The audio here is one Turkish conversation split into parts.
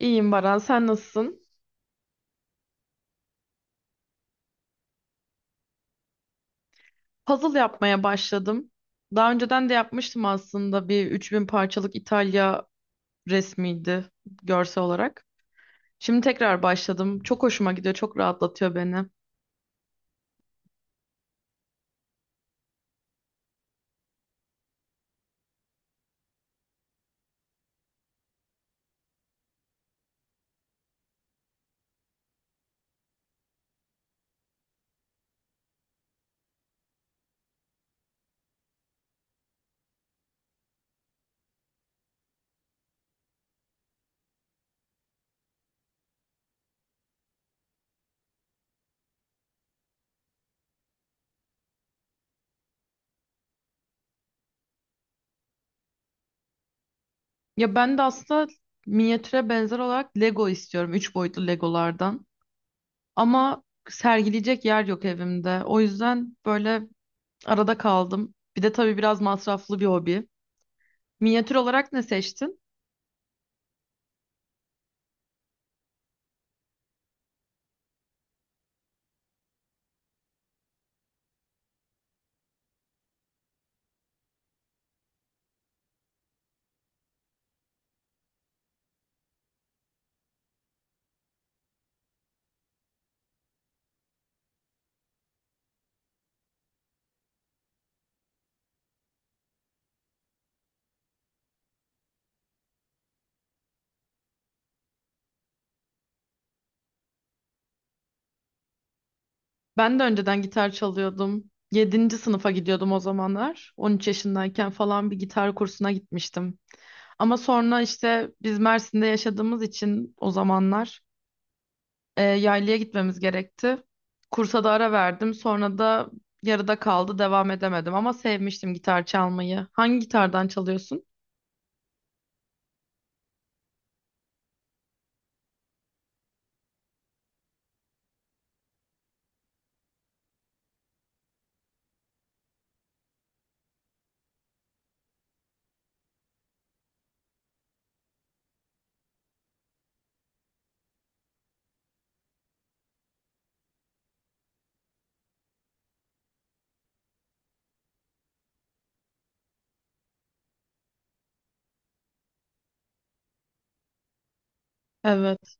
İyiyim Baran, sen nasılsın? Puzzle yapmaya başladım. Daha önceden de yapmıştım aslında bir 3000 parçalık İtalya resmiydi görsel olarak. Şimdi tekrar başladım. Çok hoşuma gidiyor, çok rahatlatıyor beni. Ya ben de aslında minyatüre benzer olarak Lego istiyorum, 3 boyutlu Legolardan. Ama sergileyecek yer yok evimde. O yüzden böyle arada kaldım. Bir de tabii biraz masraflı bir hobi. Minyatür olarak ne seçtin? Ben de önceden gitar çalıyordum. Yedinci sınıfa gidiyordum o zamanlar. 13 yaşındayken falan bir gitar kursuna gitmiştim. Ama sonra işte biz Mersin'de yaşadığımız için o zamanlar yaylaya gitmemiz gerekti. Kursa da ara verdim. Sonra da yarıda kaldı, devam edemedim. Ama sevmiştim gitar çalmayı. Hangi gitardan çalıyorsun? Evet.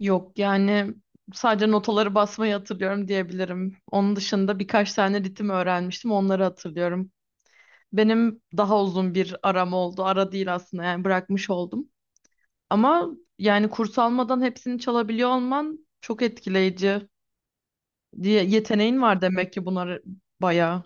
Yok yani sadece notaları basmayı hatırlıyorum diyebilirim. Onun dışında birkaç tane ritim öğrenmiştim. Onları hatırlıyorum. Benim daha uzun bir aram oldu. Ara değil aslında yani bırakmış oldum. Ama yani kurs almadan hepsini çalabiliyor olman çok etkileyici diye yeteneğin var demek ki bunları bayağı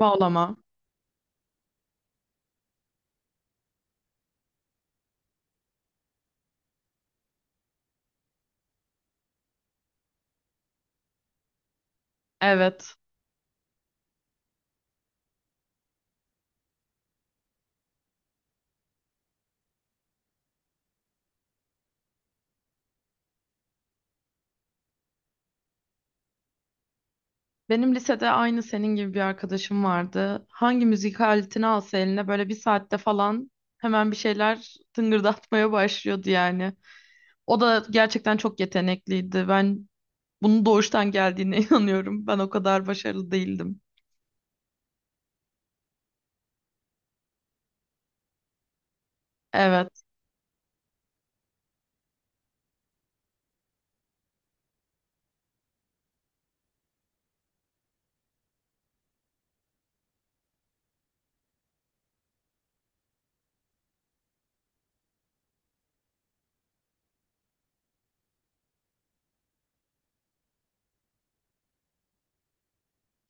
bağlama. Evet. Benim lisede aynı senin gibi bir arkadaşım vardı. Hangi müzik aletini alsa eline böyle bir saatte falan hemen bir şeyler tıngırdatmaya başlıyordu yani. O da gerçekten çok yetenekliydi. Ben bunun doğuştan geldiğine inanıyorum. Ben o kadar başarılı değildim. Evet.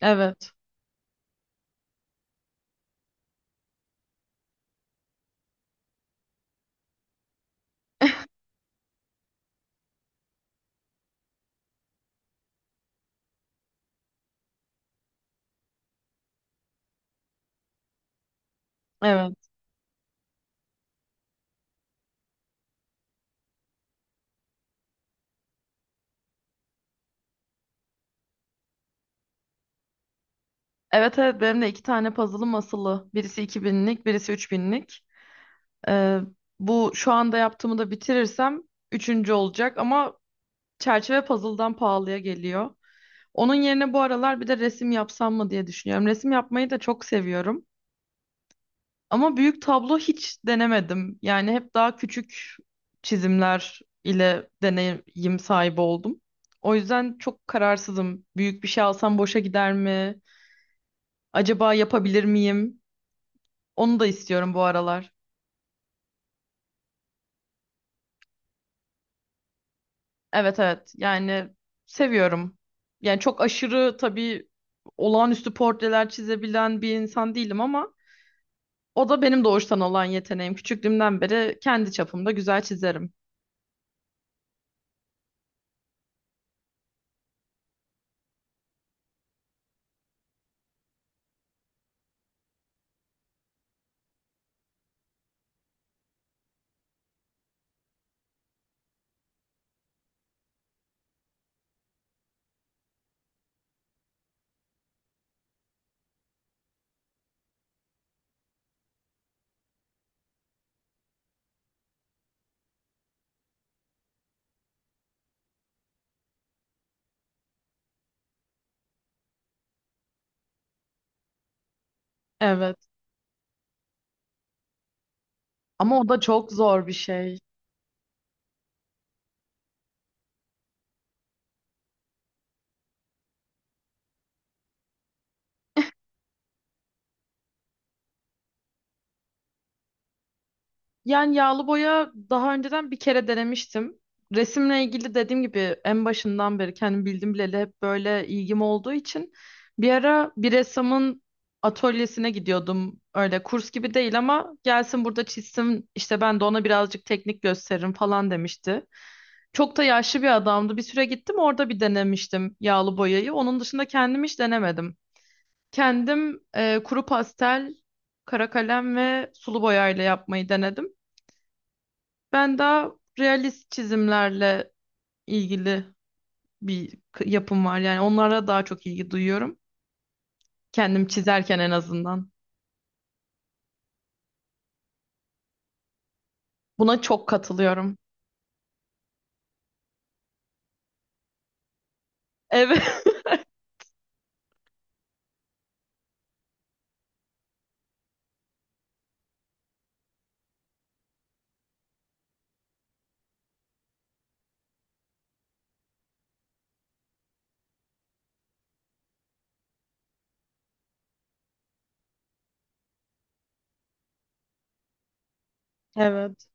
Evet. Evet. Evet evet benim de iki tane puzzle'ım asılı. Birisi 2000'lik, birisi 3000'lik. Ee, Bu şu anda yaptığımı da bitirirsem üçüncü olacak ama çerçeve puzzle'dan pahalıya geliyor. Onun yerine bu aralar bir de resim yapsam mı diye düşünüyorum. Resim yapmayı da çok seviyorum. Ama büyük tablo hiç denemedim. Yani hep daha küçük çizimler ile deneyim sahibi oldum. O yüzden çok kararsızım. Büyük bir şey alsam boşa gider mi? Acaba yapabilir miyim? Onu da istiyorum bu aralar. Evet evet. Yani seviyorum. Yani çok aşırı tabii olağanüstü portreler çizebilen bir insan değilim ama o da benim doğuştan olan yeteneğim. Küçüklüğümden beri kendi çapımda güzel çizerim. Evet. Ama o da çok zor bir şey. Yani yağlı boya daha önceden bir kere denemiştim. Resimle ilgili dediğim gibi en başından beri kendim bildim bileli hep böyle ilgim olduğu için bir ara bir ressamın atölyesine gidiyordum. Öyle kurs gibi değil ama gelsin burada çizsin işte ben de ona birazcık teknik gösteririm falan demişti. Çok da yaşlı bir adamdı. Bir süre gittim orada bir denemiştim yağlı boyayı. Onun dışında kendim hiç denemedim. Kendim kuru pastel, kara kalem ve sulu boyayla yapmayı denedim. Ben daha realist çizimlerle ilgili yapım var. Yani onlara daha çok ilgi duyuyorum. Kendim çizerken en azından. Buna çok katılıyorum. Evet. Evet.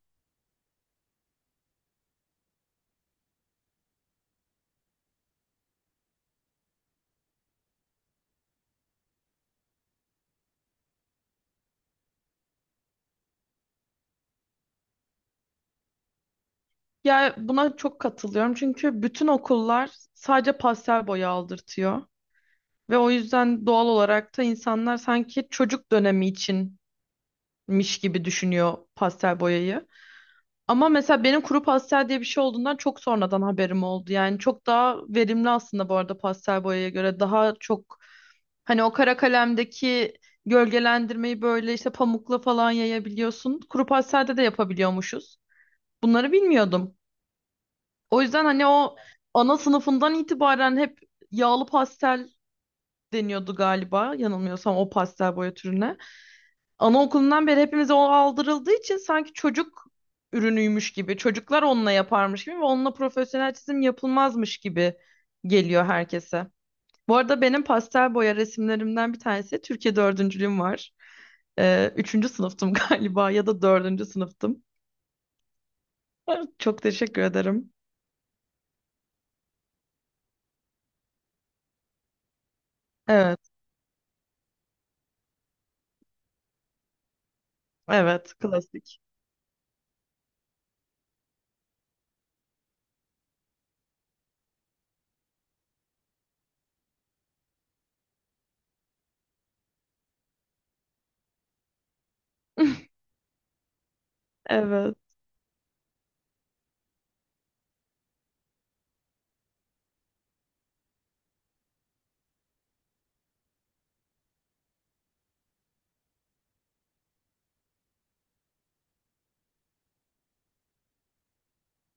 Ya buna çok katılıyorum çünkü bütün okullar sadece pastel boya aldırtıyor ve o yüzden doğal olarak da insanlar sanki çocuk dönemi içinmiş gibi düşünüyor pastel boyayı. Ama mesela benim kuru pastel diye bir şey olduğundan çok sonradan haberim oldu. Yani çok daha verimli aslında bu arada pastel boyaya göre. Daha çok hani o kara kalemdeki gölgelendirmeyi böyle işte pamukla falan yayabiliyorsun. Kuru pastelde de yapabiliyormuşuz. Bunları bilmiyordum. O yüzden hani o ana sınıfından itibaren hep yağlı pastel deniyordu galiba yanılmıyorsam o pastel boya türüne. Anaokulundan beri hepimize o aldırıldığı için sanki çocuk ürünüymüş gibi, çocuklar onunla yaparmış gibi ve onunla profesyonel çizim yapılmazmış gibi geliyor herkese. Bu arada benim pastel boya resimlerimden bir tanesi Türkiye dördüncülüğüm var. Üçüncü sınıftım galiba ya da dördüncü sınıftım. Çok teşekkür ederim. Evet, evet, klasik. Evet.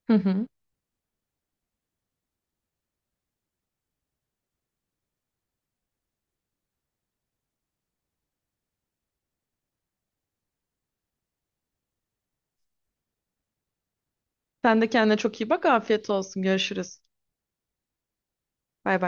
Hı hı. Sen de kendine çok iyi bak. Afiyet olsun. Görüşürüz. Bay bay.